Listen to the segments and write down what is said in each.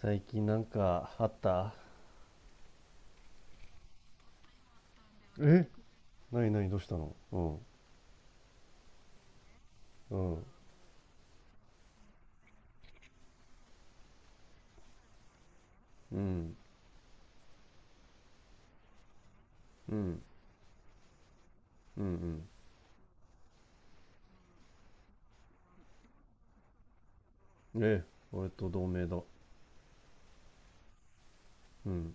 最近なんかあった？え、なに？ない？どうしたの？うん。うん。うん。うん。うん。うん。え、俺と同盟だ。うん。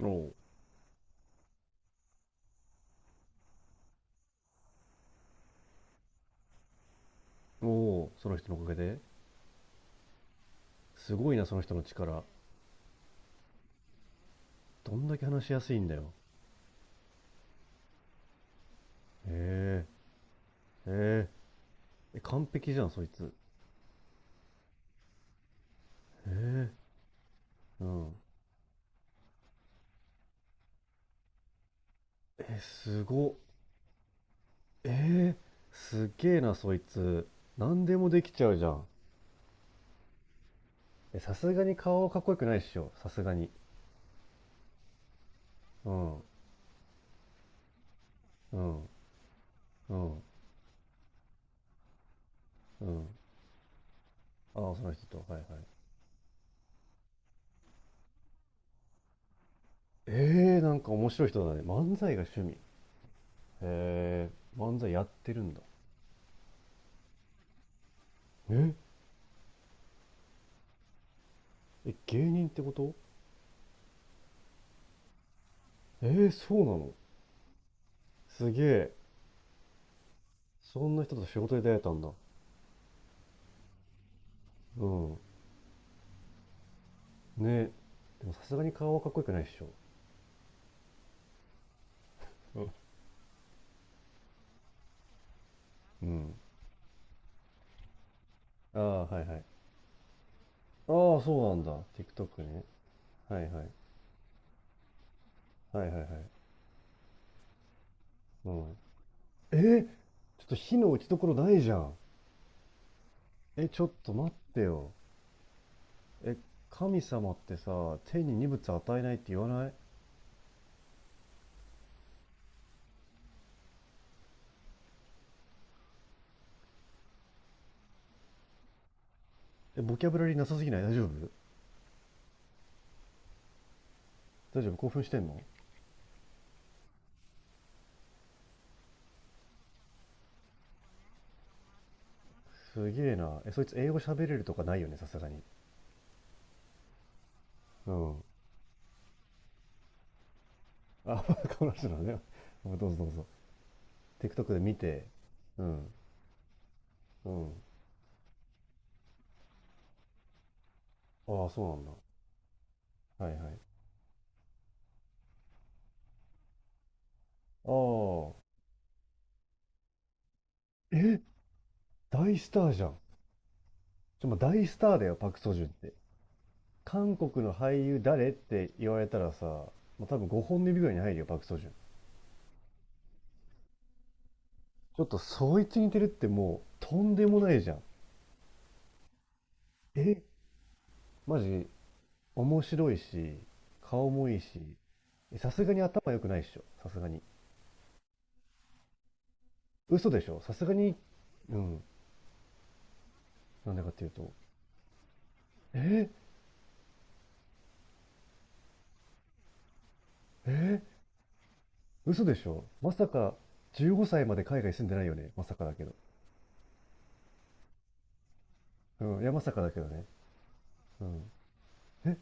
おお。うおう、その人のおかげで？すごいな、その人の力。どんだけ話しやすいんだよ。へえ。へえ。え、完璧じゃんそいつ。へえ。うん。えすごっ。えー、すっげえなそいつ。何でもできちゃうじゃん。えさすがに顔かっこよくないっしょ、さすがに。うん。うん。うん。うん。ああ、その人と。はいはい。ええ、なんか面白い人だね。漫才が趣味。へえ、漫才やってるんだ。え、え、芸人ってこと？えーそうなの。すげえ。そんな人と仕事で出会えたんだ。うん。ね。でもさすがに顔はかっこよくないっしょ。うん。ああ、はいはい。ああ、そうなんだ。TikTok ね。はいはい。はいはいはい。うん。えー、ちょっと火の打ち所ないじゃん。え、ちょっと待ってよ。え、神様ってさ、天に荷物与えないって言わない？え、ボキャブラリーなさすぎない？大丈夫？大丈夫？興奮してんの？すげえな。え、そいつ英語喋れるとかないよね、さすがに。うん。あ、この人なのね。どうぞどうぞ。TikTok で見て。うん。うん。ああ、そうなんだ。はいはい。ああ、大スターじゃん。ちょ、まあ、大スターだよ、パク・ソジュンって。韓国の俳優誰って言われたらさ、まあ、多分5本指ぐらいに入るよ、パク・ソジュン。ちょっとそいつ似てるってもう、とんでもないじゃん。え、マジ、面白いし、顔もいいし、えさすがに頭良くないっしょ、さすがに。嘘でしょ、さすがに、うん、なんでかっていうと、え、え、嘘でしょ、まさか、15歳まで海外住んでないよね、まさかだけど。うん、いや、まさかだけどね。うん。え、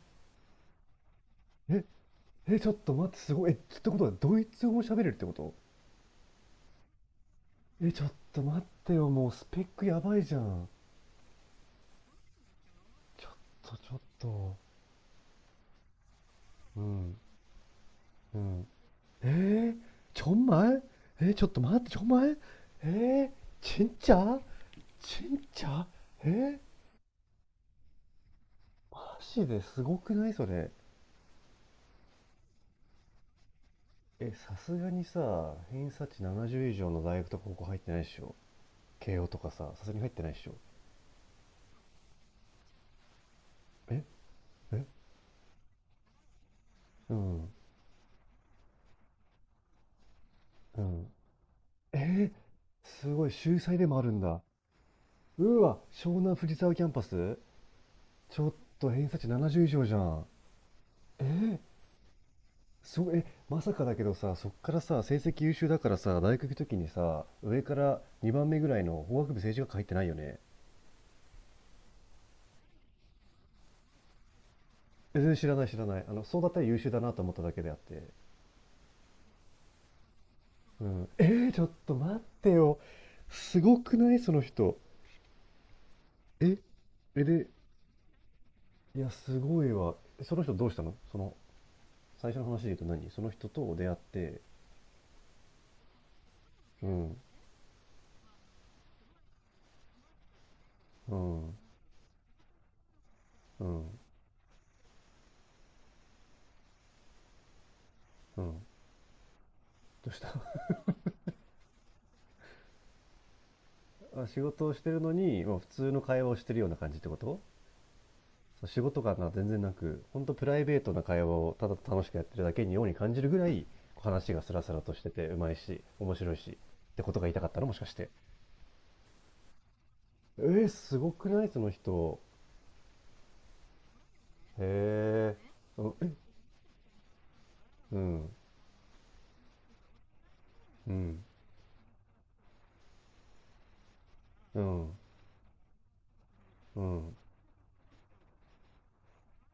え、え、ちょっと待って、すごい。え、ってことは、ドイツ語喋れるってこと？え、ちょっと待ってよ、もうスペックやばいじゃん。ちょっと、ちょっと。うん、うん。 에정말에잠깐만정말에진짜진짜에マジですごくないそれ。え、さすがにさ、偏差値70以上の大学とか高校入ってないでしょ。慶応とかさ、さすがに入ってないでしょ。え。え。うん。うん。えー、すごい、秀才でもあるんだ。うわ、湘南藤沢キャンパス。ちょっと偏差値70以上じゃん。えー、すごい、え、まさかだけどさ、そっからさ、成績優秀だからさ、大学行くときにさ、上から2番目ぐらいの法学部政治学科入ってないよね。全然知らない、知らない。あの、そうだったら優秀だなと思っただけであって。うん。えー、ちょっと待ってよ。すごくないその人。え、え、で、いや、すごいわ。えその人どうしたの、その、最初の話で言うと何？その人と出会って、うん、うん、うん、うん。どうした？ あ、仕事をしてるのに、まあ、普通の会話をしてるような感じってこと？そう、仕事感が全然なく、本当プライベートな会話をただ楽しくやってるだけにように感じるぐらい、話がスラスラとしてて、うまいし、面白いし、ってことが言いたかったのもしかして。えー、すごくないその人。へえ。あ、え、うん、うん、うん、うん。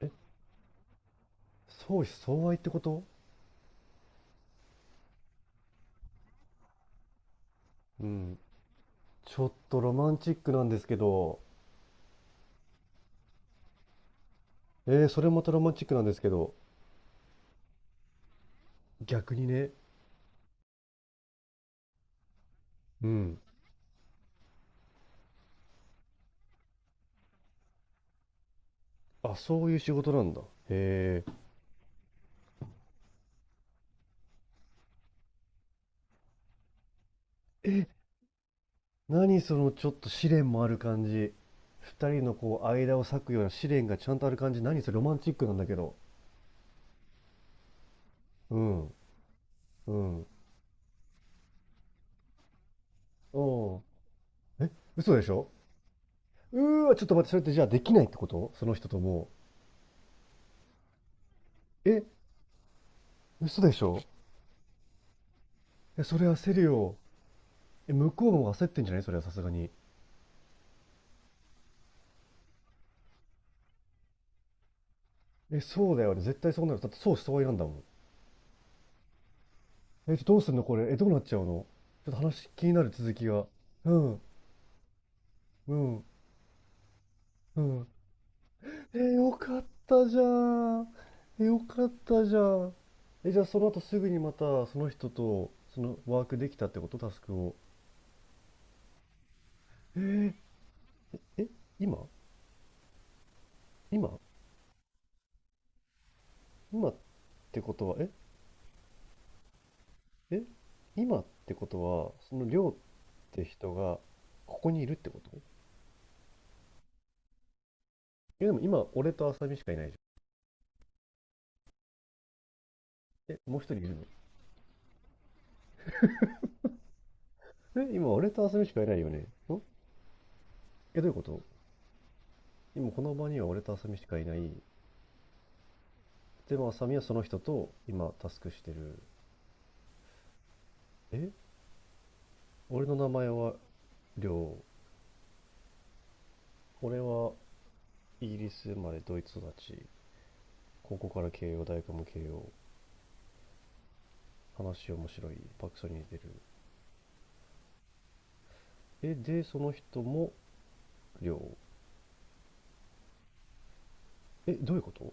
え、相思相愛ってこと？うん。ちょっとロマンチックなんですけど、えー、それまたロマンチックなんですけど、逆にね、うん。あ、そういう仕事なんだ。へえ。何そのちょっと試練もある感じ。二人のこう間を裂くような試練がちゃんとある感じ。何それロマンチックなんだけど。うん。うん。おー、え、嘘でしょ。うーわ、ちょっと待って、それってじゃあできないってことその人とも？う。え、嘘でしょ。え、それ焦るよ。え、向こうも焦ってんじゃないそれはさすがに。え、そうだよね。絶対そうなる。だってそうした方がいいなんだもん。え、どうすんのこれ。え、どうなっちゃうの？ちょっと話気になる続きが。うん、うん、うん。えよかったじゃん。えよかったじゃん。え、じゃあその後すぐにまたその人とそのワークできたってこと？タスクを。えー、え、今、今、今ってことは、え、え、今ってことは、そのりって人がここにいるってこと？え、でも今俺と浅見しかいないじゃん。え、もう一人いるの？え、今俺と浅見しかいないよね。ん？え、どういうこと？今この場には俺と浅見しかいない。でも浅見はその人と今タスクしてる。え、俺の名前は亮。俺はイギリス生まれドイツ育ち、高校から慶応、大学も慶応、話面白い、パクソに似てる。え、でその人も亮。えどういうこと？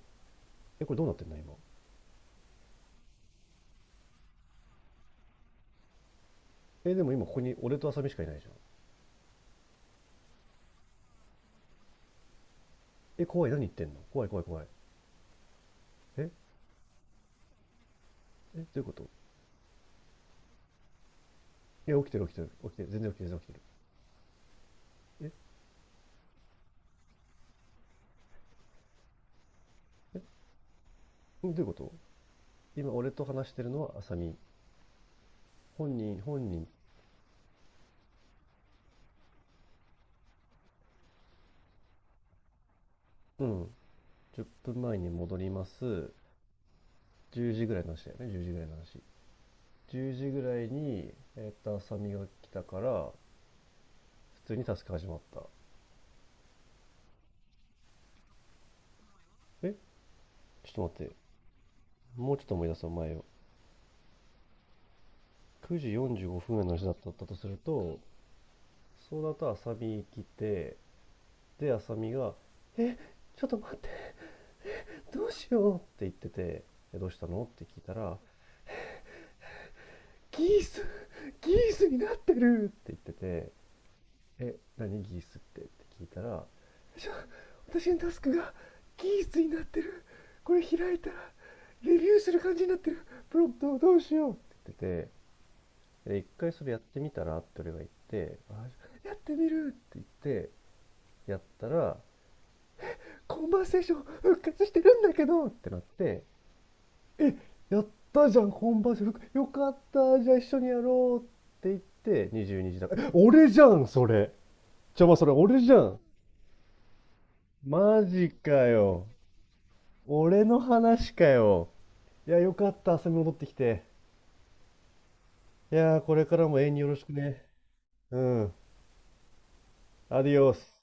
えこれどうなってんの今。えでも今ここに俺と浅見しかいないじゃん。え怖い、何言ってんの、怖い怖い怖い。え。え、どういうこと？いや起きてる、起きてる、起きてる、全然起きてる、全然起きてる。え。え、どういうこと？今俺と話してるのは浅見？本人？本人？うん。10分前に戻ります。10時ぐらいの話だよね？10時ぐらいの話。10時ぐらいにえっと浅見が来たから、普通にタスク始まった。え、ちょっと待って、もうちょっと思い出そう前を。9時45分ぐらいの話だったとすると、そうだと浅見来て、で浅見が「え、ちょっと待って、どうしよう」って言ってて、「えどうしたの?」って聞いたら、「ギース、ギースになってる!」って言ってて、「え何ギースって?」って聞いたら、「ち、私のタスクがキースになってる、これ開いたらレビューする感じになってる、プロンプトをどうしよう」って言ってて、で「一回それやってみたら」って俺が言って、「やってみる」って言って、やったら、「コンバーセーション復活してるんだけど」ってなって、え、やったじゃん、コンバーセ復ン、よかった、じゃあ一緒にやろうって言って、22時だから、え、俺じゃんそれ。ちょま、それ俺じゃん。マジかよ。俺の話かよ。いや、よかった。遊び戻ってきて。いやー、これからも永遠によろしくね。うん。アディオス。